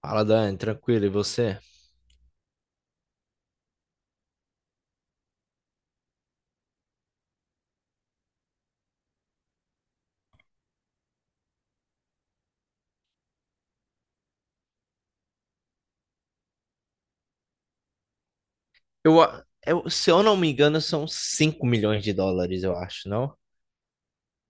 Fala, Dani, tranquilo, e você? Se eu não me engano, são US$ 5 milhões, eu acho, não?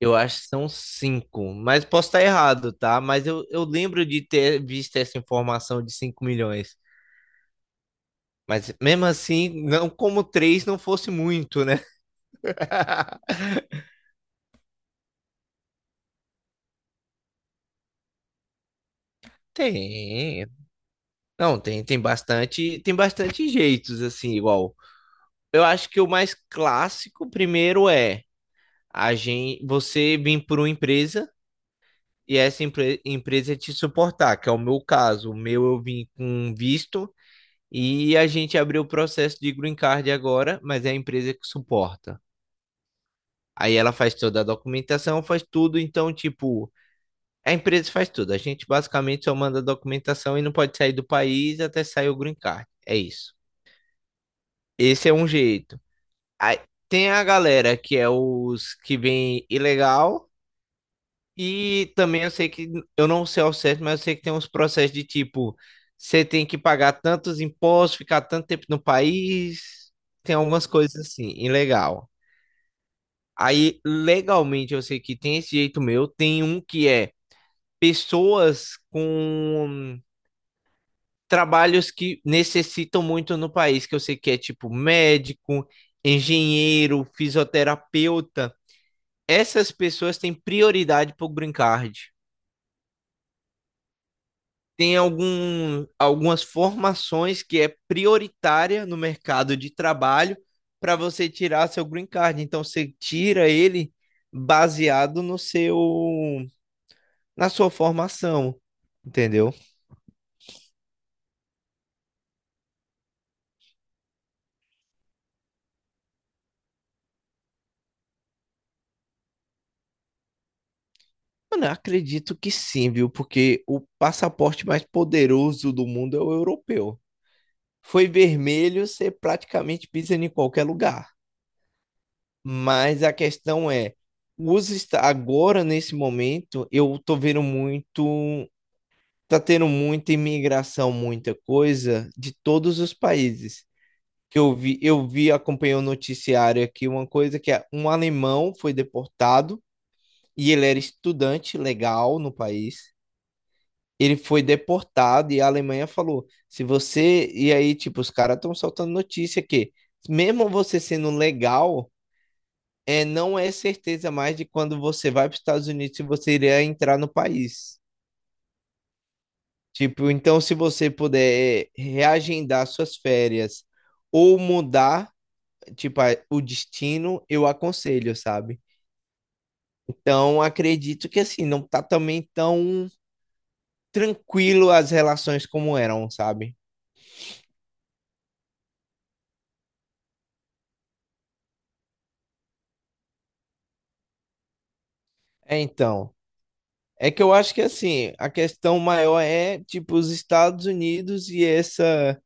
Eu acho que são 5 mas posso estar errado, tá? Mas eu lembro de ter visto essa informação de 5 milhões. Mas mesmo assim, não como 3 não fosse muito, né? Tem. Não, tem bastante, tem bastante jeitos assim, igual. Eu acho que o mais clássico primeiro é você vir por uma empresa e essa empresa te suportar, que é o meu caso. O meu eu vim com um visto e a gente abriu o processo de green card agora, mas é a empresa que suporta. Aí ela faz toda a documentação, faz tudo, então, tipo, a empresa faz tudo. A gente basicamente só manda a documentação e não pode sair do país até sair o green card. É isso. Esse é um jeito. Aí, tem a galera que é os que vem ilegal. E também eu sei que, eu não sei ao certo, mas eu sei que tem uns processos de tipo, você tem que pagar tantos impostos, ficar tanto tempo no país, tem algumas coisas assim, ilegal. Aí, legalmente, eu sei que tem esse jeito meu, tem um que é pessoas com trabalhos que necessitam muito no país, que eu sei que é tipo médico, engenheiro, fisioterapeuta. Essas pessoas têm prioridade pro Green Card. Tem algumas formações que é prioritária no mercado de trabalho para você tirar seu green card. Então você tira ele baseado no seu na sua formação, entendeu? Mano, eu acredito que sim, viu? Porque o passaporte mais poderoso do mundo é o europeu. Foi vermelho, você praticamente pisa em qualquer lugar. Mas a questão é, agora nesse momento eu tô vendo muito, tá tendo muita imigração, muita coisa de todos os países. Que eu vi, acompanhei o noticiário aqui, uma coisa que é um alemão foi deportado e ele era estudante legal no país. Ele foi deportado e a Alemanha falou: se você. E aí, tipo, os caras estão soltando notícia que, mesmo você sendo legal, não é certeza mais de quando você vai para os Estados Unidos se você iria entrar no país. Tipo, então se você puder reagendar suas férias ou mudar, tipo, o destino, eu aconselho, sabe? Então, acredito que assim, não tá também tão tranquilo as relações como eram, sabe? É, então, é que eu acho que assim, a questão maior é, tipo, os Estados Unidos e essa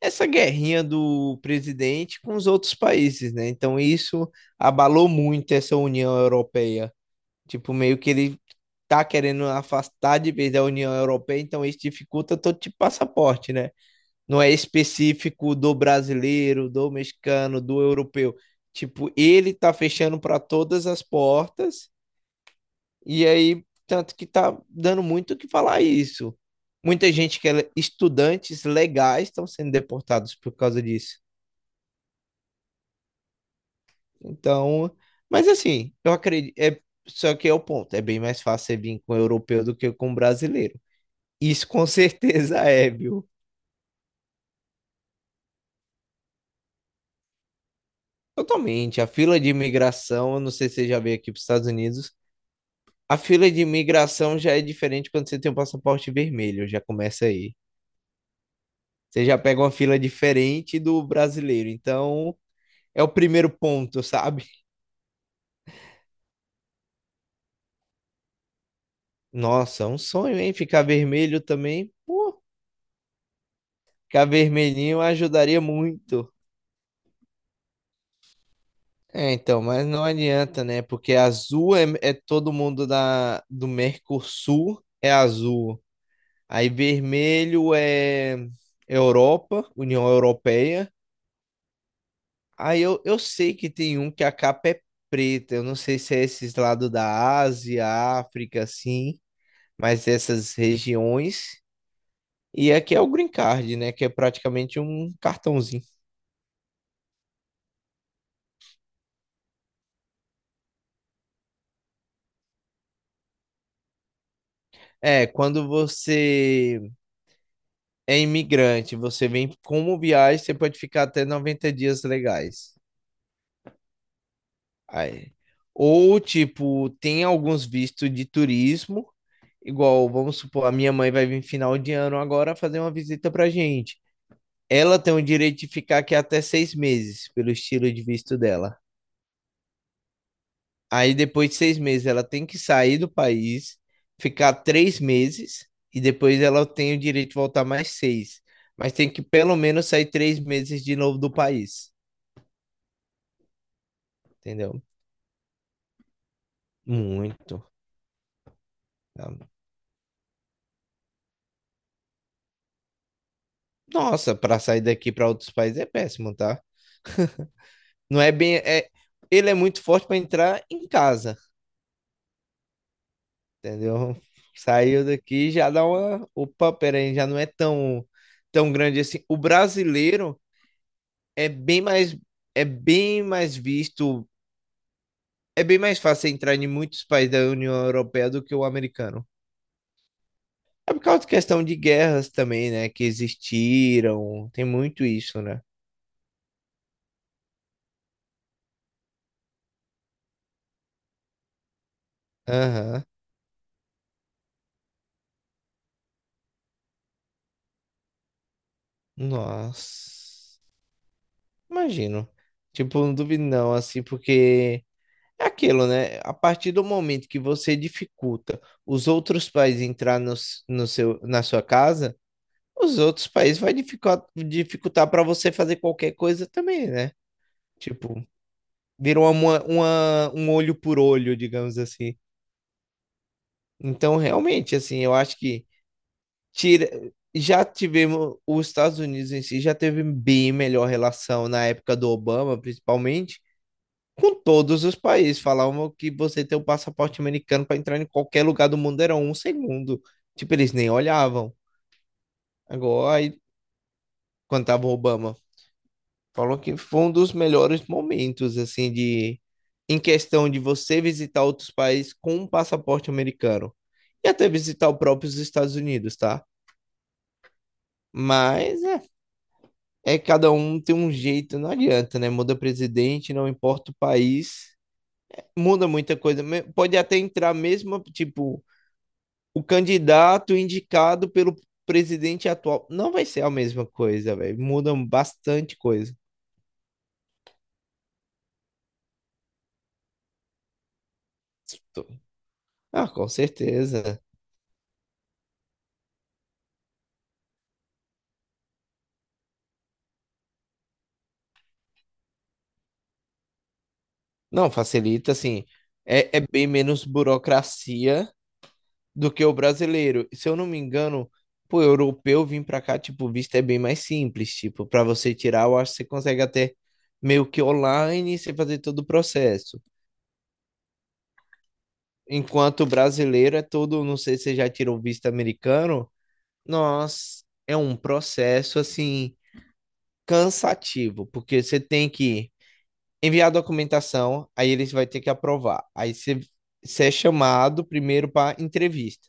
essa guerrinha do presidente com os outros países, né? Então, isso abalou muito essa União Europeia. Tipo, meio que ele tá querendo afastar de vez da União Europeia, então isso dificulta todo tipo de passaporte, né? Não é específico do brasileiro, do mexicano, do europeu. Tipo, ele tá fechando para todas as portas, e aí, tanto que tá dando muito o que falar isso. Muita gente que é estudantes legais estão sendo deportados por causa disso. Então, mas assim, eu acredito. É, só que é o ponto, é bem mais fácil você vir com o europeu do que com o brasileiro. Isso com certeza é, viu? Totalmente. A fila de imigração, eu não sei se você já veio aqui para os Estados Unidos, a fila de imigração já é diferente quando você tem um passaporte vermelho, já começa aí. Você já pega uma fila diferente do brasileiro. Então, é o primeiro ponto, sabe? Nossa, é um sonho, hein? Ficar vermelho também. Pô, ficar vermelhinho ajudaria muito. É, então, mas não adianta, né? Porque azul é todo mundo do Mercosul é azul. Aí vermelho é Europa, União Europeia. Aí eu sei que tem um que a capa é preta. Eu não sei se é esses lados da Ásia, África, assim, mas essas regiões. E aqui é o green card, né? Que é praticamente um cartãozinho. É, quando você é imigrante, você vem como viagem, você pode ficar até 90 dias legais. Aí. Ou, tipo, tem alguns vistos de turismo. Igual, vamos supor, a minha mãe vai vir final de ano agora fazer uma visita pra gente. Ela tem o direito de ficar aqui até 6 meses, pelo estilo de visto dela. Aí depois de 6 meses ela tem que sair do país, ficar 3 meses, e depois ela tem o direito de voltar mais seis. Mas tem que pelo menos sair 3 meses de novo do país, entendeu? Muito. Tá? Nossa, pra sair daqui pra outros países é péssimo, tá? Não é bem. É, ele é muito forte pra entrar em casa. Entendeu? Saiu daqui já dá uma. Opa, peraí, já não é tão, tão grande assim. O brasileiro é bem mais, é bem mais visto, é bem mais fácil entrar em muitos países da União Europeia do que o americano. É por causa de questão de guerras também, né? Que existiram, tem muito isso, né? Aham. Nossa, imagino. Tipo, não duvido não, assim, porque. É aquilo, né? A partir do momento que você dificulta os outros países entrar no, s- no seu, na sua casa, os outros países vai dificultar, dificultar para você fazer qualquer coisa também, né? Tipo, vira um olho por olho, digamos assim. Então, realmente, assim, eu acho que tira, já tivemos, os Estados Unidos em si já teve bem melhor relação na época do Obama, principalmente com todos os países. Falavam que você tem o passaporte americano para entrar em qualquer lugar do mundo era um segundo. Tipo, eles nem olhavam. Agora, aí, quando tava o Obama, falou que foi um dos melhores momentos, assim, de em questão de você visitar outros países com um passaporte americano. E até visitar o próprio os Estados Unidos, tá? Mas é, cada um tem um jeito, não adianta, né? Muda presidente, não importa o país, muda muita coisa. Pode até entrar mesmo, tipo, o candidato indicado pelo presidente atual. Não vai ser a mesma coisa, velho. Mudam bastante coisa. Ah, com certeza. Não, facilita, assim. É bem menos burocracia do que o brasileiro. Se eu não me engano, pô, europeu vir pra cá, tipo, o visto é bem mais simples. Tipo, pra você tirar, eu acho que você consegue até meio que online, você fazer todo o processo. Enquanto o brasileiro é todo, não sei se você já tirou o visto americano. Nós é um processo assim cansativo, porque você tem que enviar a documentação, aí eles vai ter que aprovar. Aí você é chamado primeiro para entrevista.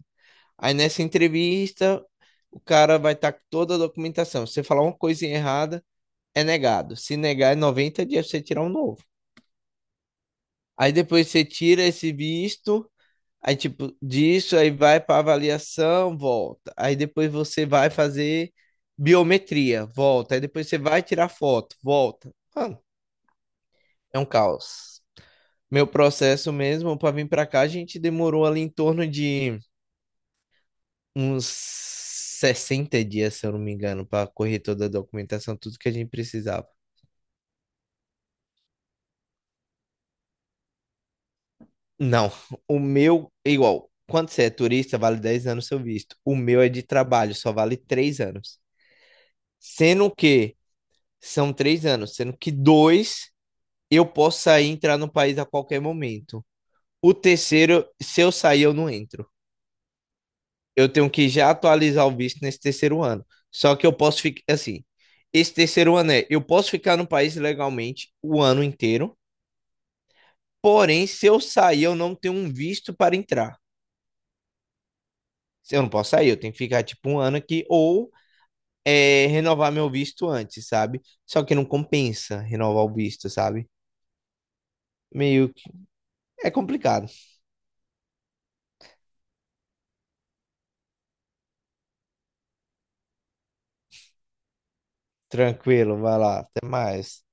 Aí nessa entrevista, o cara vai estar com toda a documentação. Se você falar uma coisinha errada, é negado. Se negar, é 90 dias pra você tirar um novo. Aí depois você tira esse visto. Aí, tipo, disso aí vai para avaliação, volta. Aí depois você vai fazer biometria, volta. Aí depois você vai tirar foto, volta. Mano, é um caos. Meu processo mesmo para vir para cá, a gente demorou ali em torno de uns 60 dias, se eu não me engano, para correr toda a documentação, tudo que a gente precisava. Não, o meu é igual. Quando você é turista, vale 10 anos seu visto. O meu é de trabalho, só vale 3 anos. Sendo que são 3 anos, sendo que dois eu posso sair e entrar no país a qualquer momento. O terceiro, se eu sair, eu não entro. Eu tenho que já atualizar o visto nesse terceiro ano. Só que eu posso ficar assim. Esse terceiro ano eu posso ficar no país legalmente o ano inteiro, porém, se eu sair, eu não tenho um visto para entrar. Eu não posso sair, eu tenho que ficar tipo um ano aqui ou renovar meu visto antes, sabe? Só que não compensa renovar o visto, sabe? Meio que é complicado. Tranquilo, vai lá, até mais.